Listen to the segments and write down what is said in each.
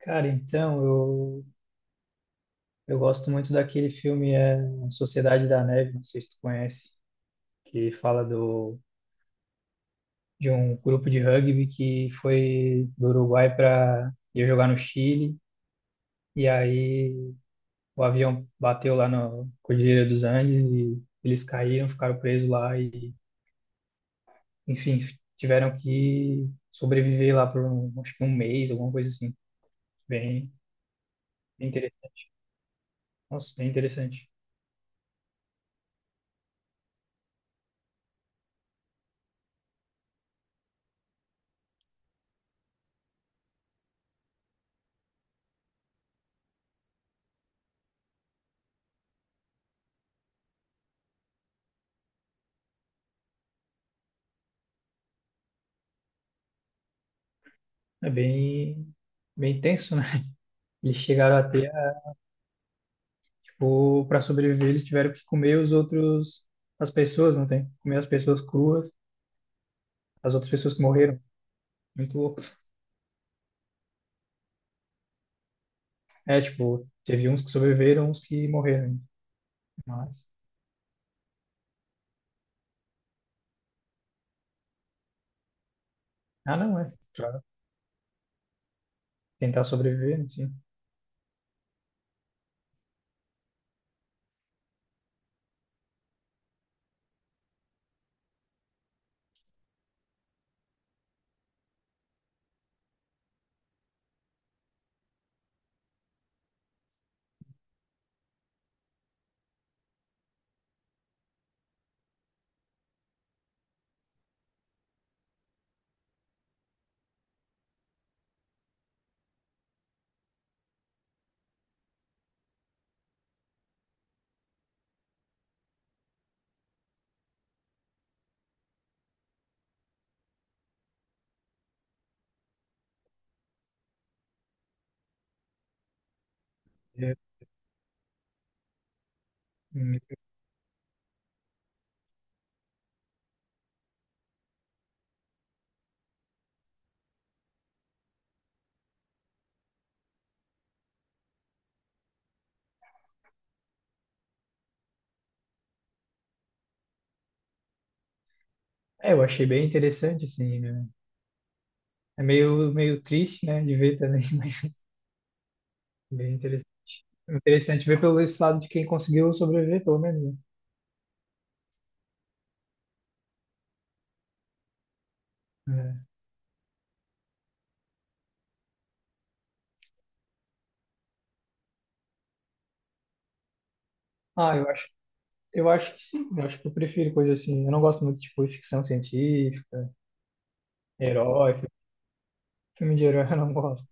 Cara, então, eu gosto muito daquele filme Sociedade da Neve, não sei se tu conhece, que fala de um grupo de rugby que foi do Uruguai para ir jogar no Chile, e aí o avião bateu lá na Cordilheira dos Andes e eles caíram, ficaram presos lá e, enfim, tiveram que sobreviver lá por um, acho que um mês, alguma coisa assim. Bem, bem interessante. Nossa, bem interessante. É bem, bem tenso, né? Eles chegaram a ter, tipo, para sobreviver, eles tiveram que comer os outros, as pessoas, não tem? Comer as pessoas cruas, as outras pessoas que morreram. Muito louco. É, tipo, teve uns que sobreviveram, uns que morreram. Mas, ah, não, é. Pra tentar sobreviver, assim. É, hum, é, eu achei bem interessante, assim, né? É meio, meio triste, né, de ver também, mas bem interessante. Interessante ver pelo esse lado de quem conseguiu sobreviver, pelo menos, né? É. Ah, eu acho que sim, eu acho que eu prefiro coisa assim. Eu não gosto muito, tipo, de ficção científica, herói, filme de herói eu não gosto.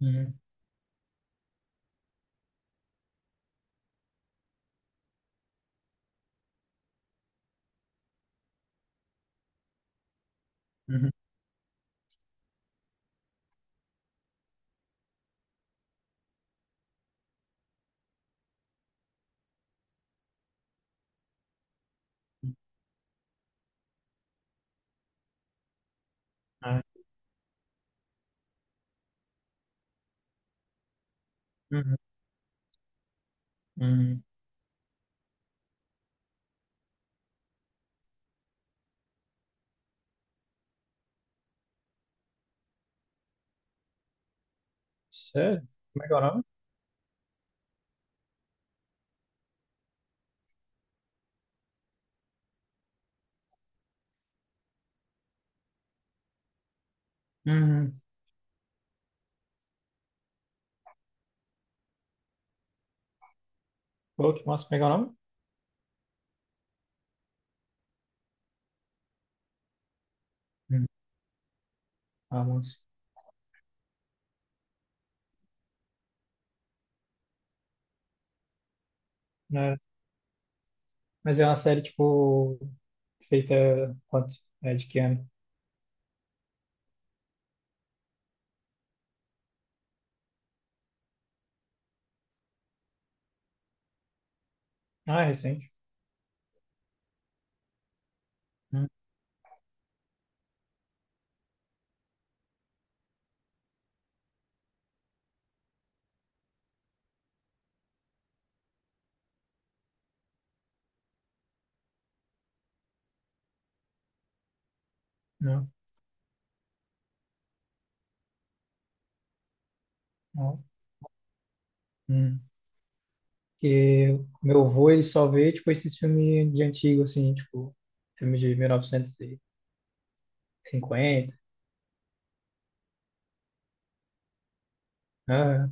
Uhum, uhum, ah, uhum, uhum. Sério? Como é que é o nome? Uhum. Pô, que massa, como é que é o nome? Uhum. Ah, moço. Né? Mas é uma série, tipo, feita quanto? É, de que ano? Ah, é recente. Hum, Não, não. Hum. Porque o meu avô, ele só vê, tipo, esses filmes de antigo, assim, tipo, filme de 1900 e cinquenta. Ah,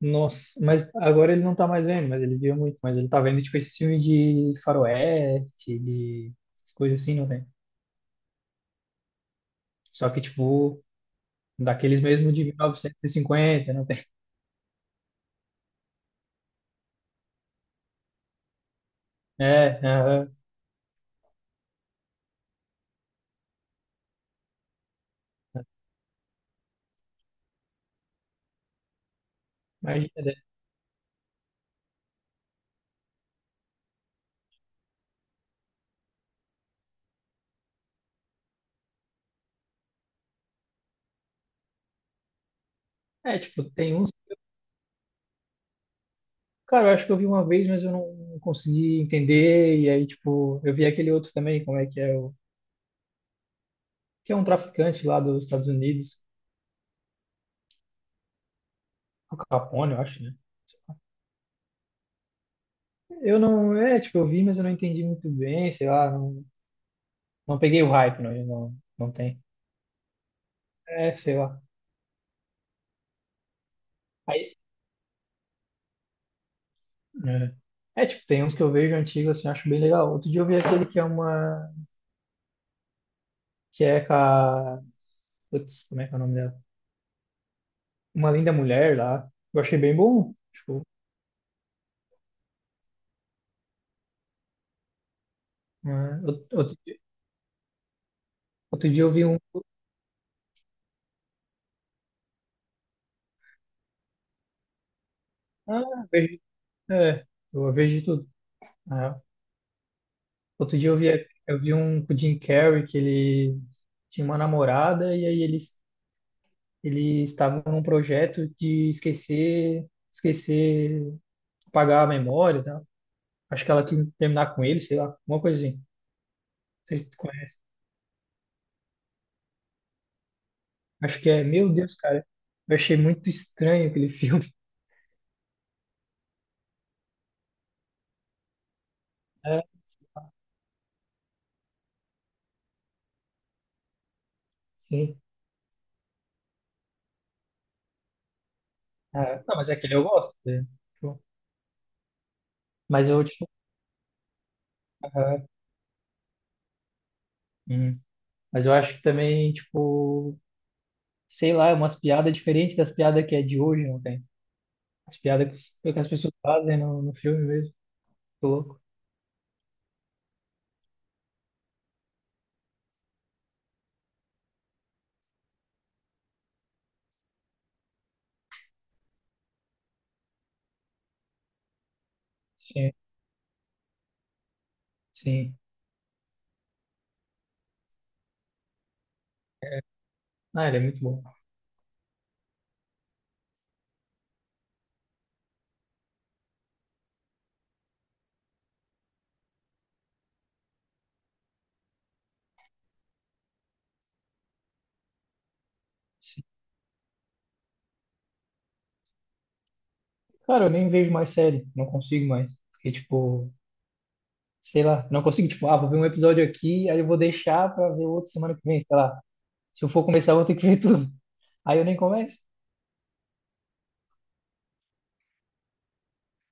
nossa, mas agora ele não tá mais vendo, mas ele via muito. Mas ele tá vendo, tipo, esse filme de faroeste, de essas coisas assim, não tem? Só que, tipo, daqueles mesmo de 1950, não tem? É, aham. Imagina, né? É, tipo, tem uns. Cara, eu acho que eu vi uma vez, mas eu não consegui entender. E aí, tipo, eu vi aquele outro também, como é que é o. Que é um traficante lá dos Estados Unidos, o Capone, eu acho, né? Eu não, é, tipo, eu vi, mas eu não entendi muito bem, sei lá, não. Não peguei o hype, não, não, não tem. É, sei lá. Aí, é. É, tipo, tem uns que eu vejo antigos, assim, acho bem legal. Outro dia eu vi aquele que é uma. Que é com a. Putz, como é que é o nome dela? Uma linda mulher lá. Eu achei bem bom. Tipo, né? Outro dia eu vi um. Ah, vejo. É, eu vejo de tudo, né? Outro dia eu vi, eu vi, um com o Jim Carrey que ele tinha uma namorada e aí eles estavam num projeto de esquecer... Esquecer apagar a memória, tá? Acho que ela quis terminar com ele, sei lá, alguma coisa assim. Não sei se tu conhece. Acho que é, meu Deus, cara, eu achei muito estranho aquele filme. É, sim. Ah, não, mas aquele eu gosto, né? Tipo, Mas eu, tipo, ah, hum. mas eu acho que também, tipo, sei lá, é umas piadas diferentes das piadas que é de hoje, não tem? As piadas que, que as pessoas fazem no filme mesmo. Tô louco. Sim, sim. É. Ah, ele é muito bom. Sim. Cara, eu nem vejo mais série, não consigo mais. Porque, tipo, sei lá, não consigo, tipo, ah, vou ver um episódio aqui, aí eu vou deixar pra ver outro semana que vem, sei lá. Se eu for começar, eu vou ter que ver tudo. Aí eu nem começo.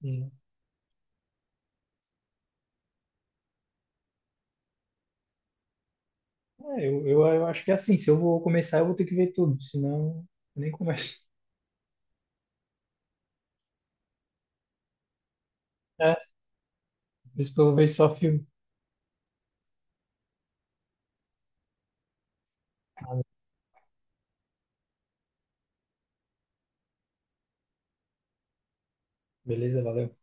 Hum. É, eu acho que é assim, se eu vou começar, eu vou ter que ver tudo, senão eu nem começo. É, por isso que eu vejo só filme. Ah, beleza, valeu.